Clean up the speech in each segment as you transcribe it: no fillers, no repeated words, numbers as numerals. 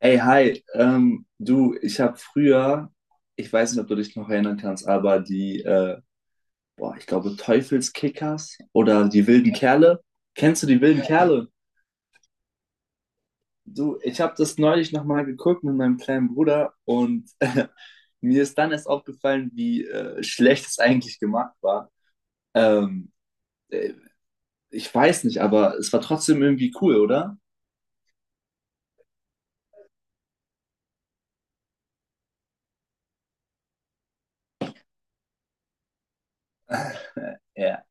Ey, hi, du, ich habe früher, ich weiß nicht, ob du dich noch erinnern kannst, aber die, boah, ich glaube, Teufelskickers oder die wilden Kerle. Kennst du die wilden Kerle? Du, ich habe das neulich nochmal geguckt mit meinem kleinen Bruder und mir ist dann erst aufgefallen, wie schlecht es eigentlich gemacht war. Ähm, äh, ich weiß nicht, aber es war trotzdem irgendwie cool, oder? Ja,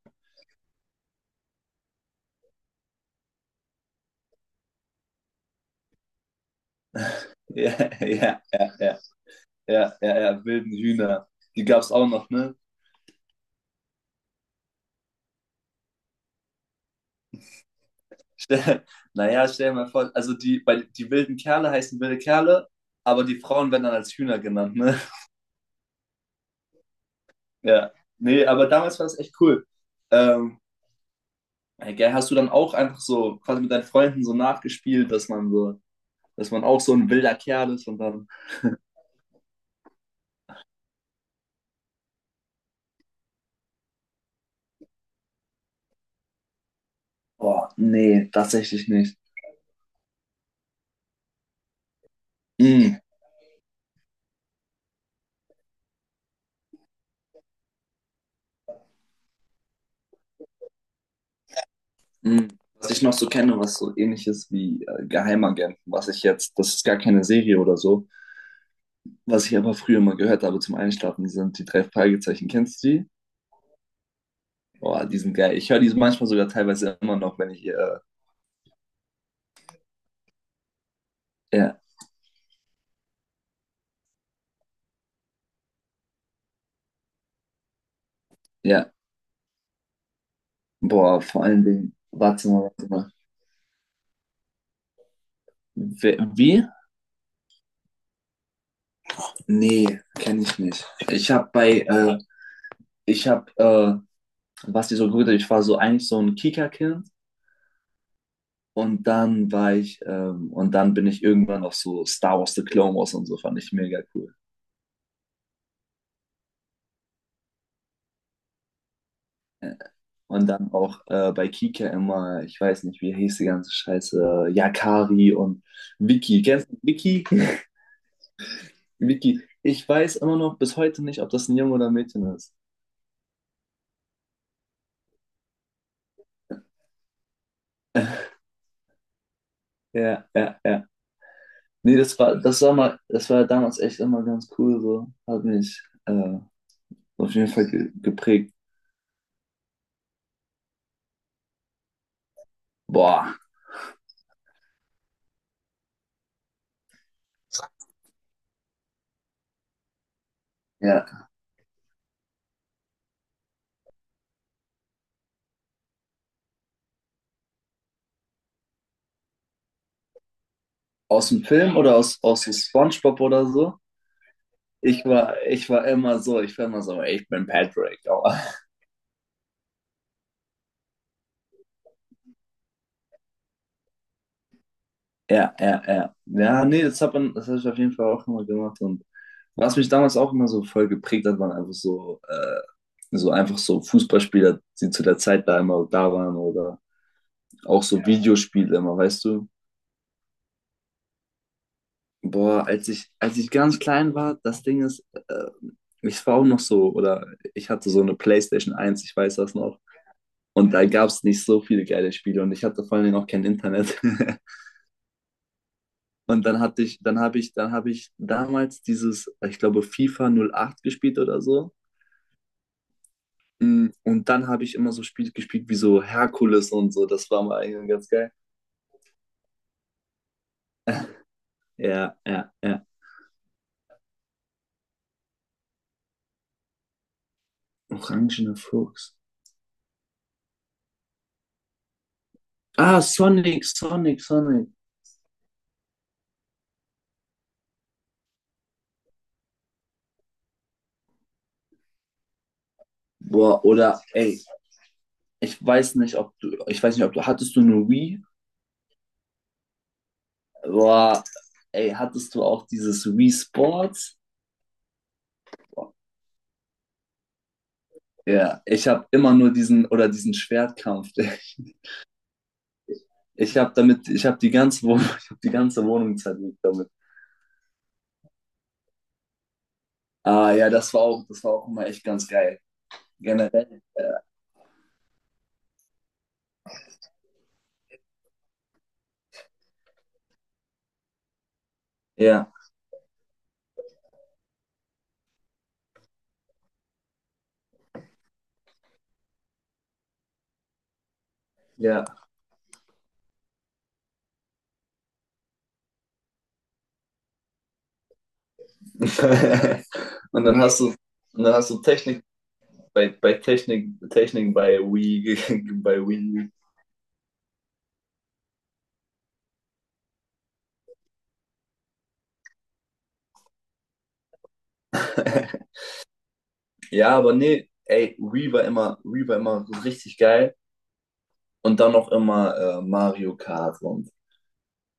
ja, ja, ja, ja, ja, ja, ja, wilden Hühner. Die gab's auch noch, ne? Stell, naja, stell dir mal vor, also die, bei, die wilden Kerle heißen wilde Kerle, aber die Frauen werden dann als Hühner genannt, ne? Ja. Nee, aber damals war das echt cool. Ähm, ey, gell, hast du dann auch einfach so quasi mit deinen Freunden so nachgespielt, dass man so, dass man auch so ein wilder Kerl ist und dann, boah, nee, tatsächlich nicht. Mm, mm. Was ich noch so kenne, was so ähnlich ist wie Geheimagenten, was ich jetzt, das ist gar keine Serie oder so, was ich aber früher mal gehört habe zum Einschlafen, sind die drei Fragezeichen. Kennst du die? Boah, die sind geil. Ich höre die manchmal sogar teilweise immer noch, wenn ich, ja, ja. Boah, vor allen Dingen, warte mal, warte mal. Wie? Nee, kenne ich nicht. Ich habe bei, ich habe, was die so gut, ich war so eigentlich so ein Kika-Kind und dann war ich, und dann bin ich irgendwann auf so Star Wars The Clone Wars und so, fand ich mega cool. Ja. Und dann auch bei Kika immer, ich weiß nicht, wie hieß die ganze Scheiße, Yakari und Vicky. Kennst du Vicky? Vicky, ich weiß immer noch bis heute nicht, ob das ein Junge oder ein Mädchen ist. Ja, ja, ja. Nee, das war mal, das war damals echt immer ganz cool, so. Hat mich auf jeden Fall ge geprägt. Boah, ja. Aus dem Film oder aus so SpongeBob oder so? Ich war immer so, ich war immer so, ey, ich bin Patrick. Ja, ja, ja. Ja, nee, das hat man, das habe ich auf jeden Fall auch immer gemacht. Und was mich damals auch immer so voll geprägt hat, waren einfach so, so einfach so Fußballspieler, die zu der Zeit da immer da waren oder auch so, ja, Videospiele immer, weißt du? Boah, als ich ganz klein war, das Ding ist, äh, ich war auch noch so, oder ich hatte so eine PlayStation 1, ich weiß das noch. Und da, mhm, gab es nicht so viele geile Spiele und ich hatte vor allen Dingen auch kein Internet. Und dann habe ich damals dieses, ich glaube, FIFA 08 gespielt oder so. Und dann habe ich immer so Spiele gespielt wie so Herkules und so. Das war mal eigentlich ganz geil. Ja, ja, ja. Orangener Fuchs. Ah, Sonic, Sonic, Sonic. Boah, oder ey, ich weiß nicht, ob du, ich weiß nicht, ob du, hattest du eine Wii? Boah, ey, hattest du auch dieses Wii Sports? Boah, ja, ich habe immer nur diesen oder diesen Schwertkampf. Ich habe die ganze Wohnung, ich habe die ganze Wohnung zerlegt damit. Ah ja, das war auch immer echt ganz geil. Generell. Ja, ja. Und dann hast du, und dann hast du Technik bei Technik, Technik bei Wii, bei Wii. Ja, aber nee, ey, Wii war immer so richtig geil. Und dann noch immer Mario Kart. Und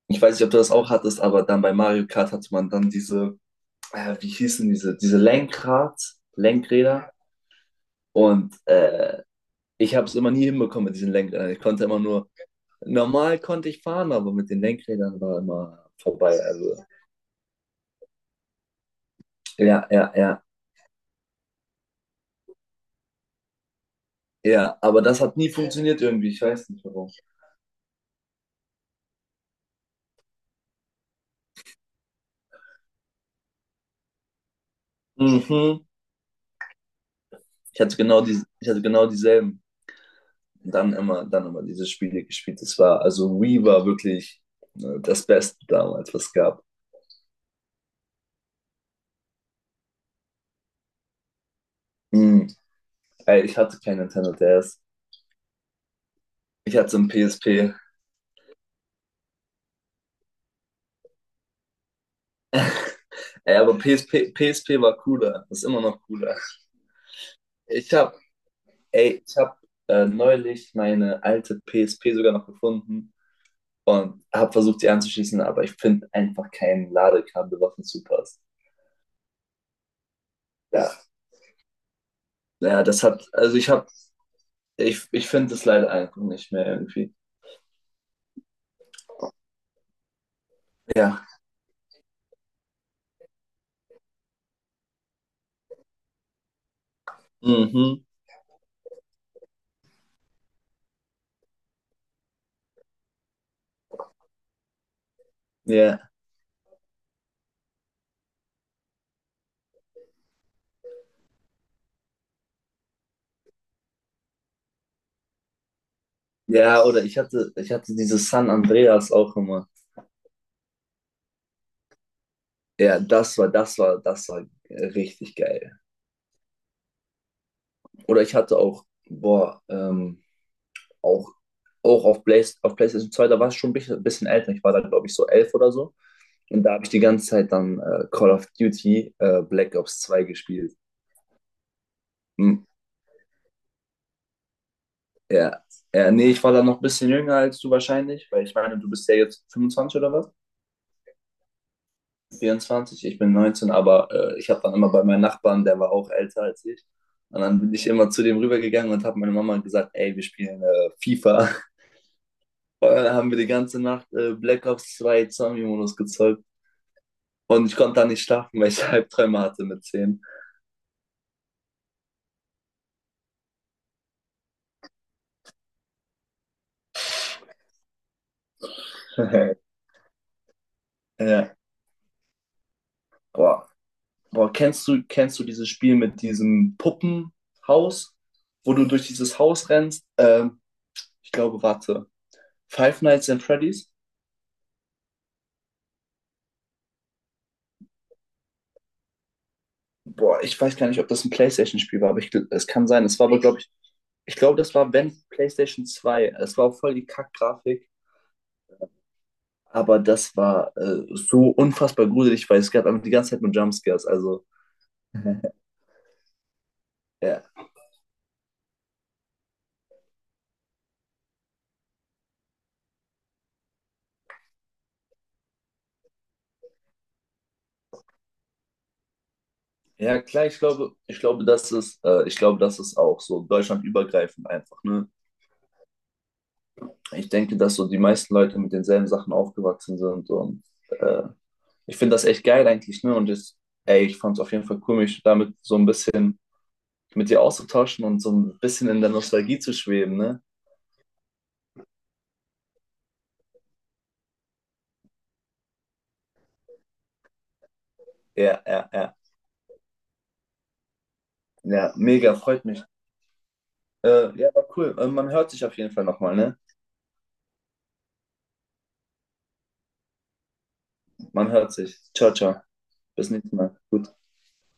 ich weiß nicht, ob du das auch hattest, aber dann bei Mario Kart hatte man dann diese, wie hießen diese Lenkräder. Und ich habe es immer nie hinbekommen mit diesen Lenkrädern. Ich konnte immer nur, normal konnte ich fahren, aber mit den Lenkrädern war immer vorbei. Also, ja, ja, ja, ja. Aber das hat nie funktioniert irgendwie. Ich weiß nicht warum. Mhm. Ich hatte genau dieselben. Dann immer diese Spiele gespielt. Das war, also Wii war wirklich das Beste damals, was es gab. Mhm. Ey, ich hatte kein Nintendo DS. Ich hatte so ein PSP. Ey, aber PSP, PSP war cooler. Ist immer noch cooler. Ich habe Ey, ich habe neulich meine alte PSP sogar noch gefunden und habe versucht, sie anzuschließen, aber ich finde einfach kein Ladekabel, was dazu passt. Ja, ja, das hat, also ich finde es leider einfach nicht mehr irgendwie. Ja, mhm, ja, ja, oder ich hatte dieses San Andreas auch immer. Ja, das war richtig geil. Oder ich hatte auch, boah, auch, auch auf PlayStation 2, da war es schon ein bisschen, bisschen älter. Ich war da, glaube ich, so 11 oder so. Und da habe ich die ganze Zeit dann Call of Duty Black Ops 2 gespielt. Hm, ja. Ja, nee, ich war da noch ein bisschen jünger als du wahrscheinlich, weil ich meine, du bist ja jetzt 25 oder was? 24, ich bin 19, aber ich habe dann immer bei meinem Nachbarn, der war auch älter als ich. Und dann bin ich immer zu dem rübergegangen und habe meine Mama gesagt, ey, wir spielen FIFA. Und dann haben wir die ganze Nacht Black Ops 2 Zombie-Modus gezockt. Und ich konnte da nicht schlafen, weil ich Albträume hatte mit 10 ja. Boah, Boah, kennst du dieses Spiel mit diesem Puppenhaus, wo du durch dieses Haus rennst? Ich glaube, warte. Five Nights at Freddy's? Boah, ich weiß gar nicht, ob das ein PlayStation-Spiel war, aber es kann sein. Es war aber, glaube ich, ich glaube, das war, wenn, PlayStation 2. Es war auch voll die Kackgrafik, aber das war so unfassbar gruselig, weil es gab einfach die ganze Zeit nur Jumpscares. Also, ja. Ja, klar, ich glaube, das ist, ich glaube, das ist auch so deutschlandübergreifend einfach, ne? Ich denke, dass so die meisten Leute mit denselben Sachen aufgewachsen sind und äh, ich finde das echt geil eigentlich, ne? Ey, ich fand es auf jeden Fall cool, mich damit so ein bisschen mit dir auszutauschen und so ein bisschen in der Nostalgie zu schweben, ne? Ja, ja, ja. Ja, mega, freut mich. Ja, war cool. Man hört sich auf jeden Fall nochmal, ne? Man hört sich. Ciao, ciao. Bis nächstes Mal. Gut.